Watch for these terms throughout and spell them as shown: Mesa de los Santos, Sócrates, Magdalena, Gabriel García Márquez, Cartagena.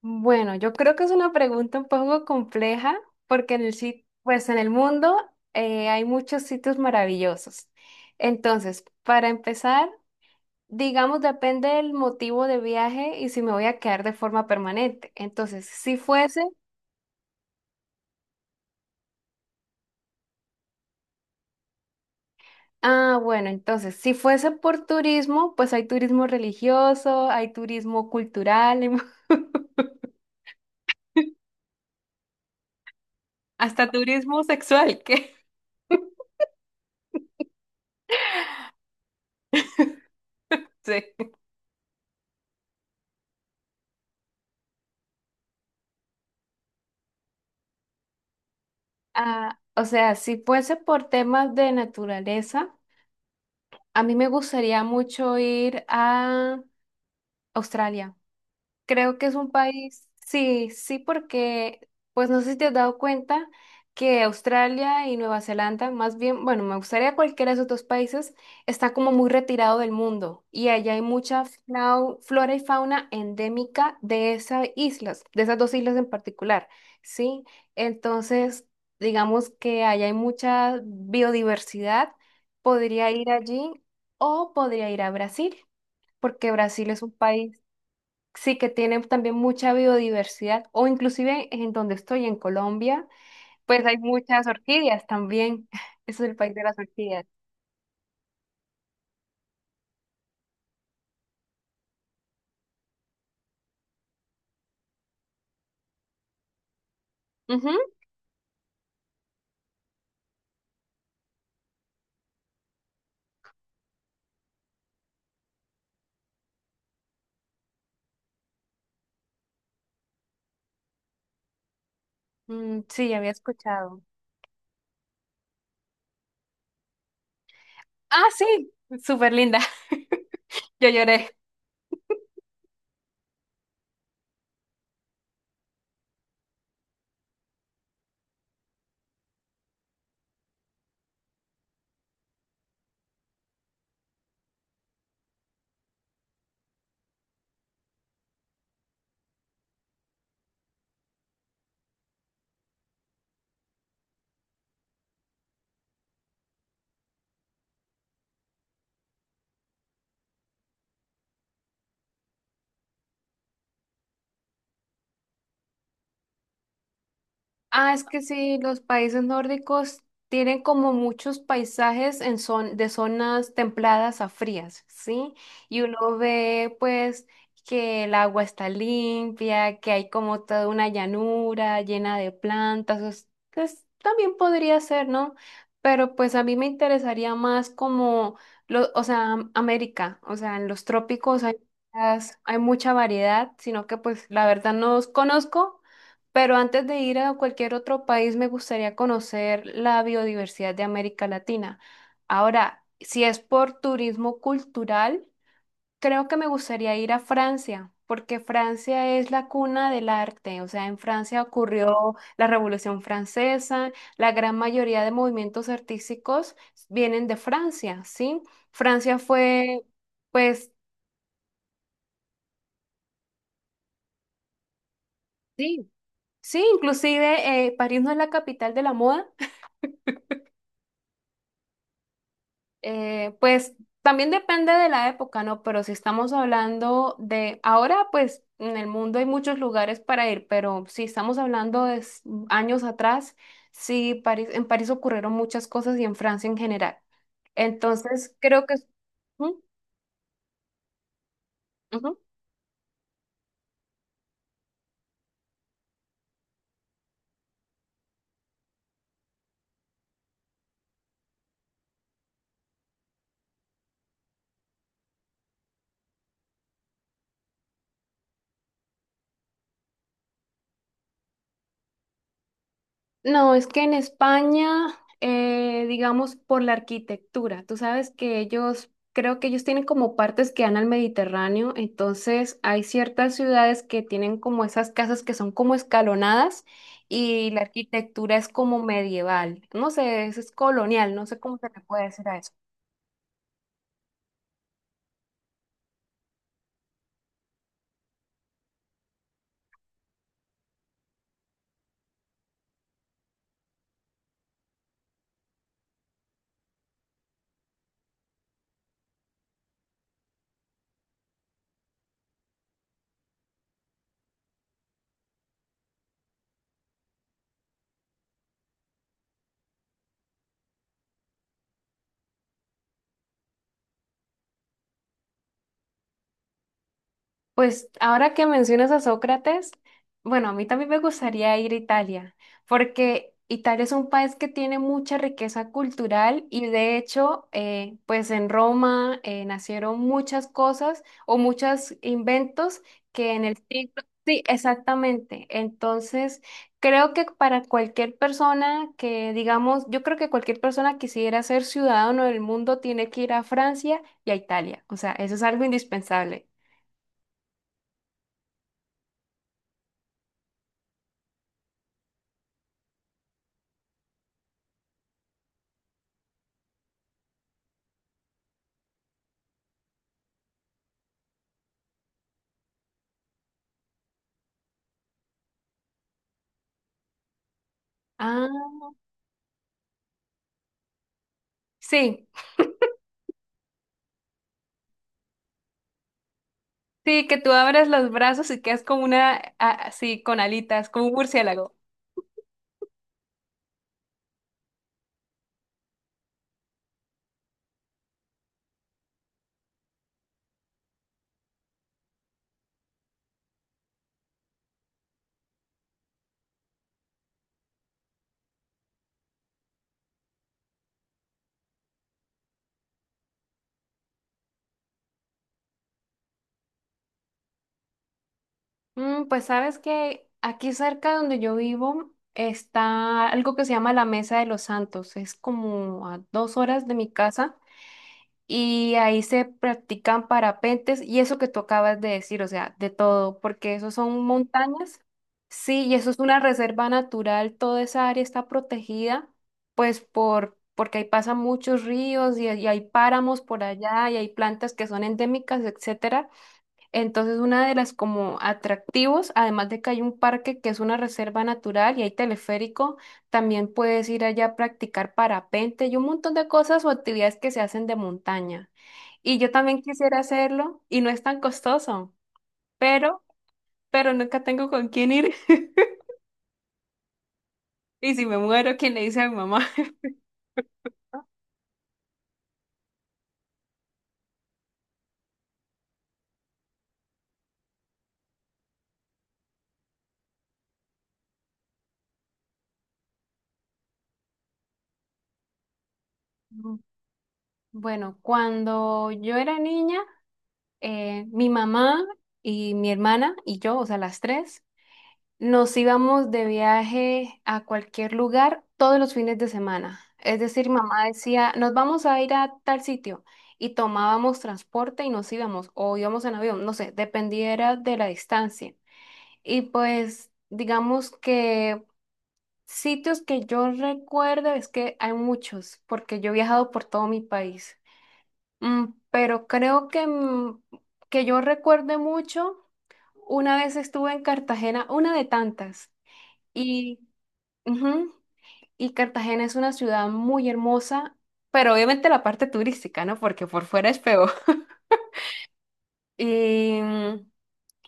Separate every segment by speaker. Speaker 1: Bueno, yo creo que es una pregunta un poco compleja porque pues en el mundo hay muchos sitios maravillosos. Entonces, para empezar, digamos, depende del motivo de viaje y si me voy a quedar de forma permanente. Entonces, si fuese, bueno, entonces, si fuese por turismo, pues hay turismo religioso, hay turismo cultural, hasta turismo sexual, que sí. Ah, o sea, si fuese por temas de naturaleza. A mí me gustaría mucho ir a Australia. Creo que es un país, sí, sí, porque, pues no sé si te has dado cuenta que Australia y Nueva Zelanda, más bien, bueno, me gustaría cualquiera de esos dos países, está como muy retirado del mundo y allá hay mucha flora y fauna endémica de esas islas, de esas dos islas en particular, ¿sí? Entonces, digamos que allá hay mucha biodiversidad, podría ir allí o podría ir a Brasil, porque Brasil es un país. Sí, que tiene también mucha biodiversidad, o inclusive en donde estoy, en Colombia, pues hay muchas orquídeas también. Es el país de las orquídeas. Ujú. Mm, sí, había escuchado. Ah, sí, súper linda. Yo lloré. Ah, es que sí, los países nórdicos tienen como muchos paisajes en de zonas templadas a frías, ¿sí? Y uno ve pues que el agua está limpia, que hay como toda una llanura llena de plantas, también podría ser, ¿no? Pero pues a mí me interesaría más como, lo, o sea, América, o sea, en los trópicos hay, hay mucha variedad, sino que pues la verdad no os conozco. Pero antes de ir a cualquier otro país, me gustaría conocer la biodiversidad de América Latina. Ahora, si es por turismo cultural, creo que me gustaría ir a Francia, porque Francia es la cuna del arte. O sea, en Francia ocurrió la Revolución Francesa, la gran mayoría de movimientos artísticos vienen de Francia, ¿sí? Francia fue, pues, sí, sí, inclusive París no es la capital de la moda. Pues también depende de la época, ¿no? Pero si estamos hablando de ahora, pues en el mundo hay muchos lugares para ir, pero si estamos hablando de años atrás, sí, París, en París ocurrieron muchas cosas y en Francia en general. Entonces, creo que... Ujú, ujú. No, es que en España, digamos, por la arquitectura, tú sabes que ellos, creo que ellos tienen como partes que dan al Mediterráneo, entonces hay ciertas ciudades que tienen como esas casas que son como escalonadas y la arquitectura es como medieval, no sé, eso es colonial, no sé cómo se le puede decir a eso. Pues ahora que mencionas a Sócrates, bueno, a mí también me gustaría ir a Italia, porque Italia es un país que tiene mucha riqueza cultural y de hecho, pues en Roma nacieron muchas cosas o muchos inventos que en el siglo... Sí, exactamente. Entonces, creo que para cualquier persona que, digamos, yo creo que cualquier persona quisiera ser ciudadano del mundo tiene que ir a Francia y a Italia. O sea, eso es algo indispensable. Sí, sí, que tú abres los brazos y quedas como una, así, con alitas, como un murciélago. Mm, pues sabes que aquí cerca donde yo vivo está algo que se llama la Mesa de los Santos. Es como a 2 horas de mi casa. Y ahí se practican parapentes y eso que tú acabas de decir, o sea, de todo, porque eso son montañas, sí, y eso es una reserva natural, toda esa área está protegida, pues porque ahí pasan muchos ríos y hay páramos por allá y hay plantas que son endémicas, etcétera. Entonces, una de las como atractivos, además de que hay un parque que es una reserva natural y hay teleférico, también puedes ir allá a practicar parapente y un montón de cosas o actividades que se hacen de montaña. Y yo también quisiera hacerlo y no es tan costoso, pero, pero nunca tengo con quién ir. Y si me muero, ¿quién le dice a mi mamá? Mm, bueno, cuando yo era niña, mi mamá y mi hermana y yo, o sea, las tres, nos íbamos de viaje a cualquier lugar todos los fines de semana. Es decir, mamá decía, nos vamos a ir a tal sitio y tomábamos transporte y nos íbamos o íbamos en avión, no sé, dependiera de la distancia. Y pues digamos que sitios que yo recuerdo es que hay muchos, porque yo he viajado por todo mi país. Mm, pero creo que, mm, que yo recuerde mucho, una vez estuve en Cartagena, una de tantas. Y ujú. Y Cartagena es una ciudad muy hermosa, pero obviamente la parte turística, ¿no? Porque por fuera es peor. Y,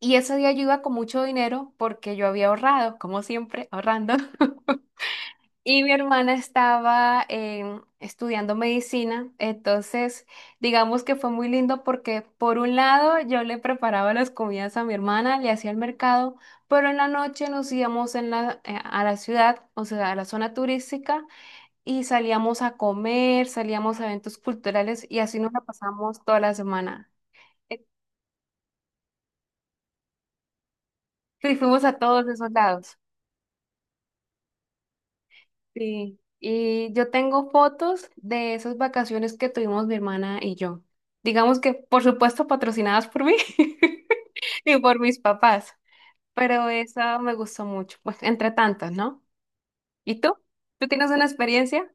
Speaker 1: y ese día yo iba con mucho dinero porque yo había ahorrado, como siempre, ahorrando. Y mi hermana estaba estudiando medicina, entonces digamos que fue muy lindo porque por un lado yo le preparaba las comidas a mi hermana, le hacía el mercado, pero en la noche nos íbamos en la, a la ciudad, o sea, a la zona turística y salíamos a comer, salíamos a eventos culturales y así nos la pasamos toda la semana. Eh, Sí, fuimos a todos esos lados. Sí. Y yo tengo fotos de esas vacaciones que tuvimos mi hermana y yo. Digamos que, por supuesto, patrocinadas por mí y por mis papás, pero esa me gustó mucho, pues, entre tantas, ¿no? ¿Y tú? ¿Tú tienes una experiencia?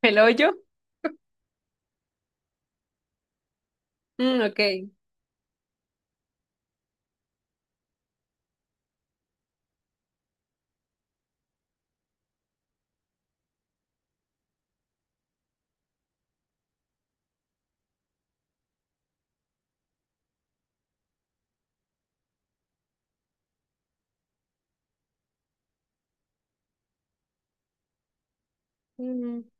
Speaker 1: ¿El hoyo? Mm, ok.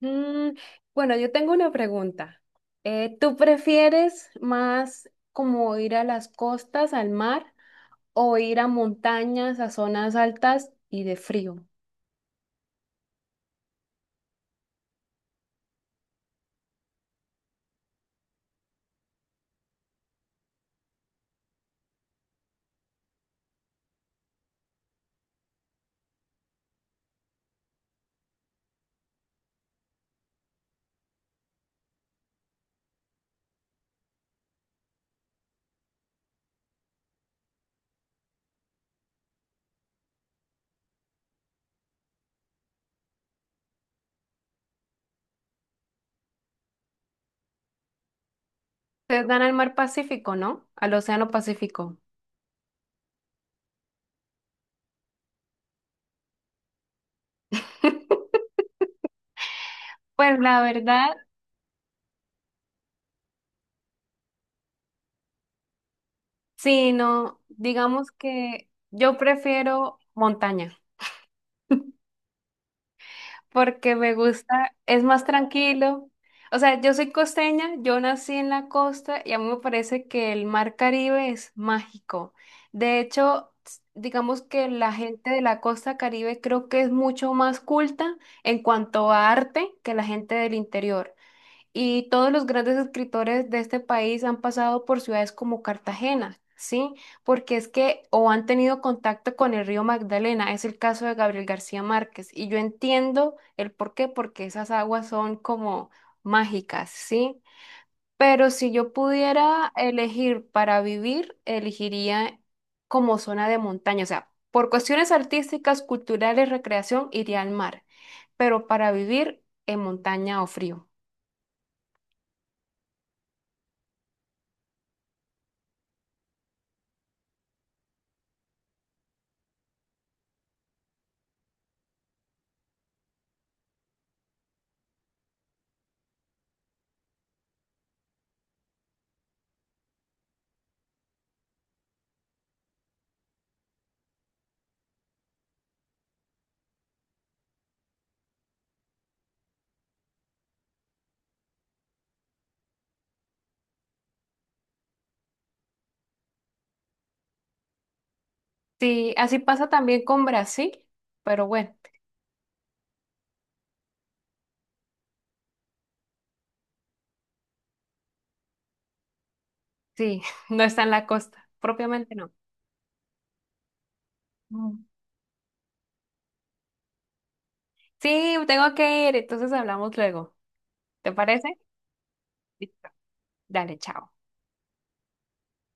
Speaker 1: Mm, bueno, yo tengo una pregunta. ¿Tú prefieres más como ir a las costas, al mar, o ir a montañas, a zonas altas y de frío? Ustedes dan al mar Pacífico, ¿no? Al Océano Pacífico. Pues la verdad, sí, no, digamos que yo prefiero montaña. Porque me gusta, es más tranquilo. O sea, yo soy costeña, yo nací en la costa y a mí me parece que el mar Caribe es mágico. De hecho, digamos que la gente de la costa Caribe creo que es mucho más culta en cuanto a arte que la gente del interior. Y todos los grandes escritores de este país han pasado por ciudades como Cartagena, ¿sí? Porque es que o han tenido contacto con el río Magdalena, es el caso de Gabriel García Márquez. Y yo entiendo el por qué, porque esas aguas son como mágicas, ¿sí? Pero si yo pudiera elegir para vivir, elegiría como zona de montaña, o sea, por cuestiones artísticas, culturales, recreación, iría al mar, pero para vivir en montaña o frío. Sí, así pasa también con Brasil, pero bueno, sí, no está en la costa, propiamente no. Mm. Sí, tengo que ir, entonces hablamos luego. ¿Te parece? Listo. Dale, chao.